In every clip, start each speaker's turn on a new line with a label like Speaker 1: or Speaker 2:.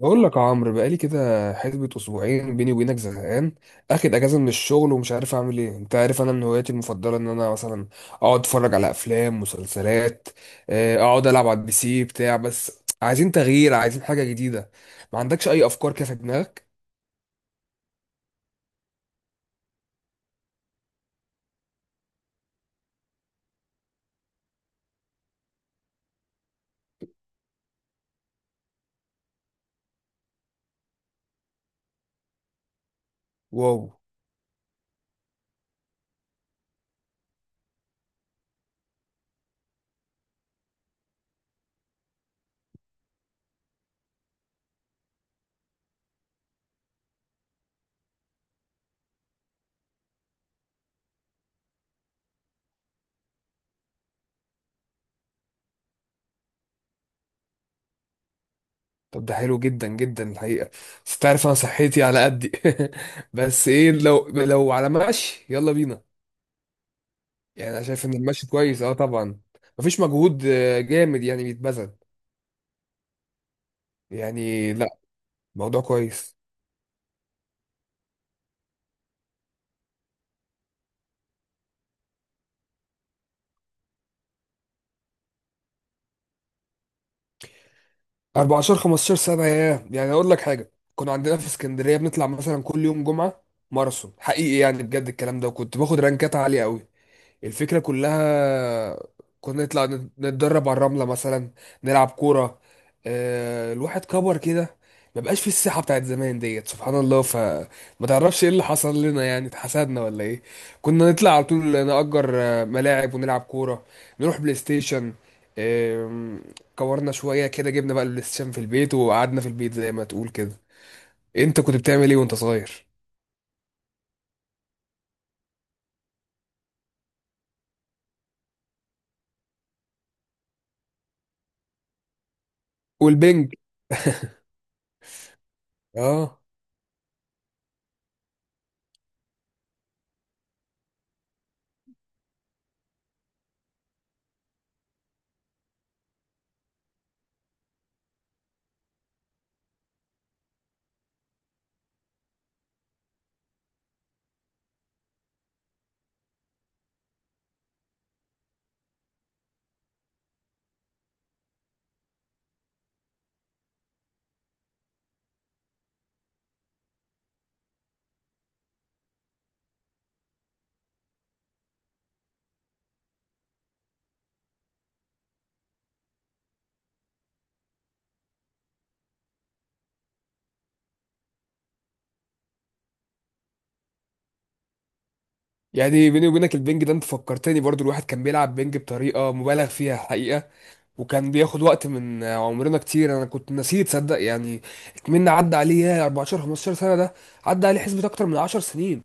Speaker 1: بقول لك يا عمرو، بقالي كده حسبة اسبوعين بيني وبينك زهقان. اخد اجازه من الشغل ومش عارف اعمل ايه. انت عارف انا من هواياتي المفضله ان انا مثلا اقعد اتفرج على افلام مسلسلات. اقعد العب على البي سي بتاع، بس عايزين تغيير، عايزين حاجه جديده. ما عندكش اي افكار كده في دماغك؟ واو. طب ده حلو جدا جدا الحقيقه، بس تعرف انا صحتي على قدي. بس ايه، لو على مشي يلا بينا. يعني انا شايف ان المشي كويس، اه طبعا، مفيش مجهود جامد يعني بيتبذل. يعني لا، موضوع كويس. 14 15 سنة، ياه، يعني اقول لك حاجة، كنا عندنا في اسكندرية بنطلع مثلا كل يوم جمعة ماراثون حقيقي، يعني بجد الكلام ده، وكنت باخد رانكات عالية قوي. الفكرة كلها، كنا نطلع نتدرب على الرملة مثلا، نلعب كورة. الواحد كبر كده، ما بقاش في الصحة بتاعت زمان ديت، سبحان الله. فما تعرفش ايه اللي حصل لنا، يعني اتحسدنا ولا ايه؟ كنا نطلع على طول نأجر ملاعب ونلعب كورة، نروح بلاي ستيشن. آم، كورنا شوية كده، جبنا بقى البلاي ستيشن في البيت وقعدنا في البيت زي ما تقول كده. انت كنت بتعمل ايه وانت صغير؟ والبنج، اه. يعني بيني وبينك البنج ده، انت فكرتني برضو، الواحد كان بيلعب بنج بطريقة مبالغ فيها حقيقة، وكان بياخد وقت من عمرنا كتير. انا كنت نسيت، تصدق يعني؟ اتمنى، عدى عليه يا 14 15 سنة ده، عدى عليه حسبة اكتر من 10 سنين.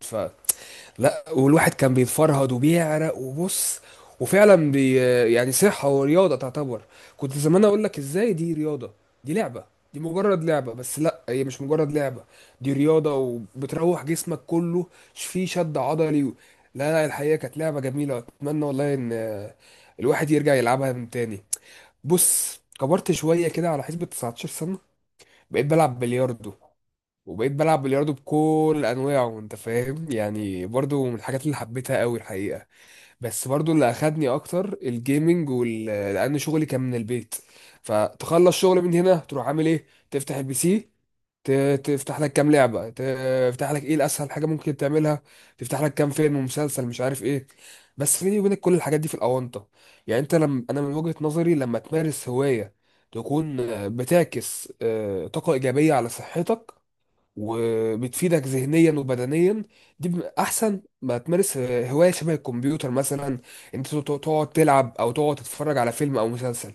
Speaker 1: لا والواحد كان بيتفرهد وبيعرق وبص، وفعلا يعني صحة ورياضة تعتبر. كنت زمان اقول لك ازاي دي رياضة، دي لعبة، دي مجرد لعبة. بس لا، هي مش مجرد لعبة، دي رياضة، وبتروح جسمك كله. فيه شد عضلي لا لا، الحقيقة كانت لعبة جميلة، اتمنى والله ان الواحد يرجع يلعبها من تاني. بص، كبرت شوية كده على حسبة 19 سنة، بقيت بلعب بلياردو، وبقيت بلعب بلياردو بكل انواعه، انت فاهم يعني، برضو من الحاجات اللي حبيتها قوي الحقيقه. بس برضو اللي اخدني اكتر الجيمنج وال لان شغلي كان من البيت. فتخلص شغل من هنا، تروح عامل ايه؟ تفتح البي سي، تفتح لك كام لعبه، تفتح لك ايه، الاسهل حاجه ممكن تعملها، تفتح لك كام فيلم ومسلسل مش عارف ايه. بس بيني وبينك كل الحاجات دي في الاونطه. يعني انت لم... انا من وجهه نظري، لما تمارس هوايه، تكون بتعكس طاقه ايجابيه على صحتك، وبتفيدك ذهنيا وبدنيا. دي احسن ما تمارس هوايه شبه الكمبيوتر مثلا، انت تقعد تلعب، او تقعد تتفرج على فيلم او مسلسل.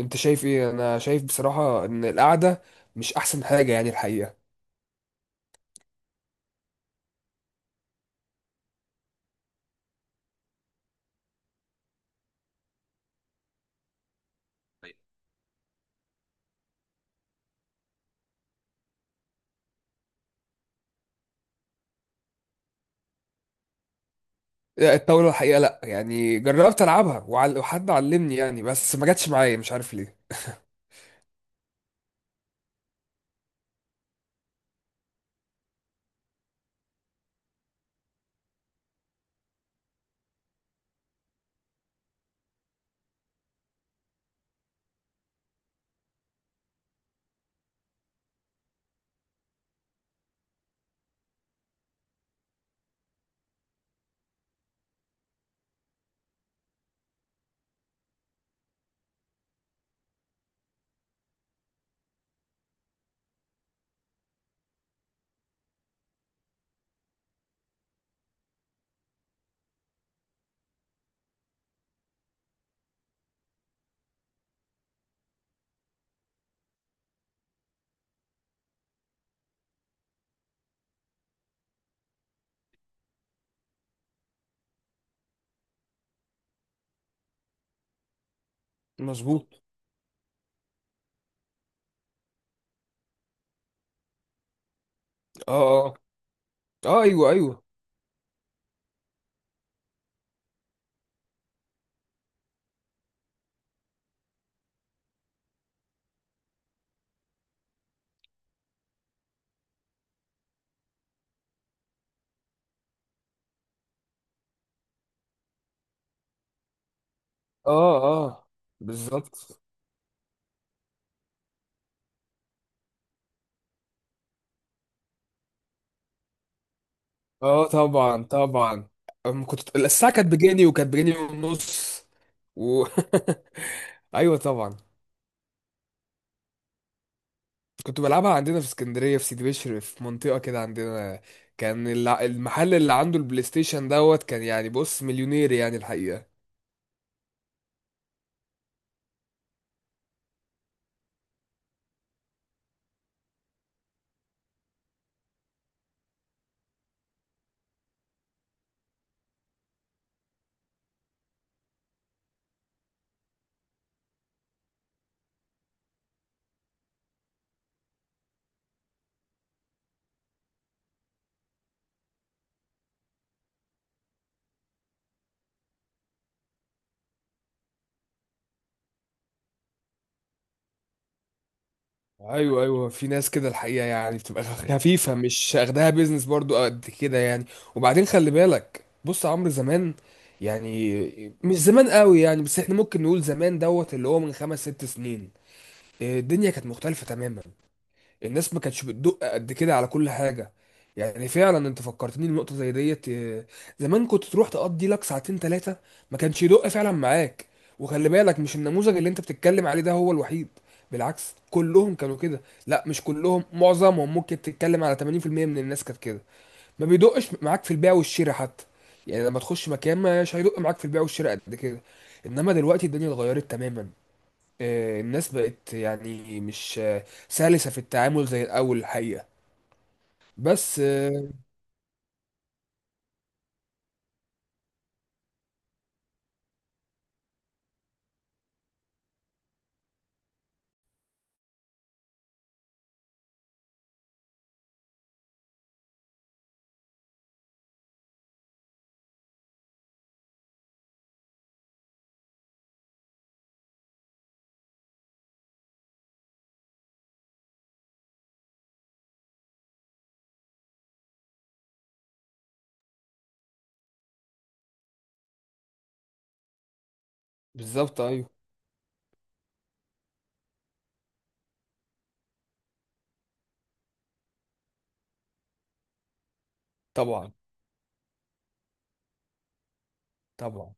Speaker 1: انت شايف ايه؟ انا شايف بصراحه ان القعده مش احسن حاجه يعني الحقيقه. لا، الطاوله الحقيقه لا، يعني جربت العبها وحد علمني يعني، بس ما جاتش معايا مش عارف ليه. مظبوط. اه اه. اه ايوه ايوه. اه اه. بالظبط. اه طبعا طبعا. أم، كنت الساعة كانت بجنيه وكانت بجنيه ونص و... ايوه طبعا. كنت بلعبها عندنا في اسكندرية في سيدي بشر في منطقة كده عندنا. كان المحل اللي عنده البلاي ستيشن دوت، كان يعني بص مليونير يعني الحقيقة. ايوه ايوه، في ناس كده الحقيقة، يعني بتبقى خفيفة، مش اخدها بيزنس برضو قد كده يعني. وبعدين خلي بالك بص يا عمرو، زمان، يعني مش زمان قوي يعني، بس احنا ممكن نقول زمان دوت، اللي هو من خمس ست سنين، الدنيا كانت مختلفة تماما. الناس ما كانتش بتدق قد كده على كل حاجة. يعني فعلا انت فكرتني النقطة زي ديت، زمان كنت تروح تقضي لك ساعتين ثلاثة، ما كانش يدق فعلا معاك. وخلي بالك مش النموذج اللي انت بتتكلم عليه ده هو الوحيد، بالعكس كلهم كانوا كده. لا مش كلهم، معظمهم، ممكن تتكلم على 80% من الناس كانت كده. ما بيدقش معاك في البيع والشراء حتى، يعني لما تخش مكان مش هيدق معاك في البيع والشراء قد كده. انما دلوقتي الدنيا اتغيرت تماما. الناس بقت يعني مش سلسة في التعامل زي الأول الحقيقة. بس بالظبط أيوه. طبعا طبعا.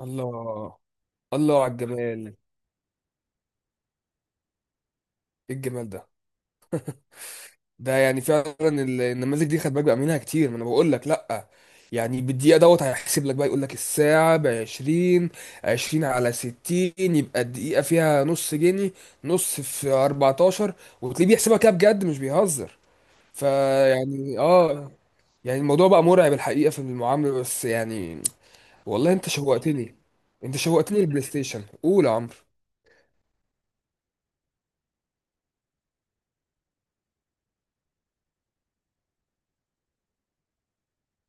Speaker 1: الله. الله على الجمال. إيه الجمال ده! ده يعني فعلا النماذج دي خد بالك بقى منها كتير، ما أنا بقول لك. لأ يعني بالدقيقة دوت هيحسب لك بقى، يقول لك الساعة ب 20، 20 على 60، يبقى الدقيقة فيها نص جنيه، نص في 14، وتلاقيه بيحسبها كده بجد مش بيهزر. فيعني اه، يعني الموضوع بقى مرعب الحقيقة في المعاملة بس يعني. والله انت شوقتني، انت شوقتني. البلاي ستيشن؟ قول يا عمرو.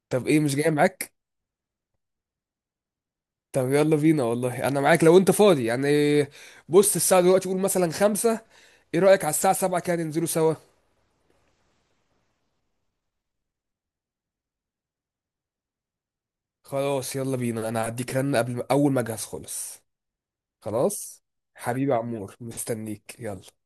Speaker 1: طب ايه، مش جاي معاك؟ طب يلا بينا، والله انا معاك لو انت فاضي يعني. بص الساعة دلوقتي قول مثلا خمسة، ايه رأيك على الساعة سبعة كده ننزلوا سوا. خلاص يلا بينا، انا هديك رن قبل ما- اول ما اجهز خالص. خلاص، حبيبي يا عمور، مستنيك، يلا.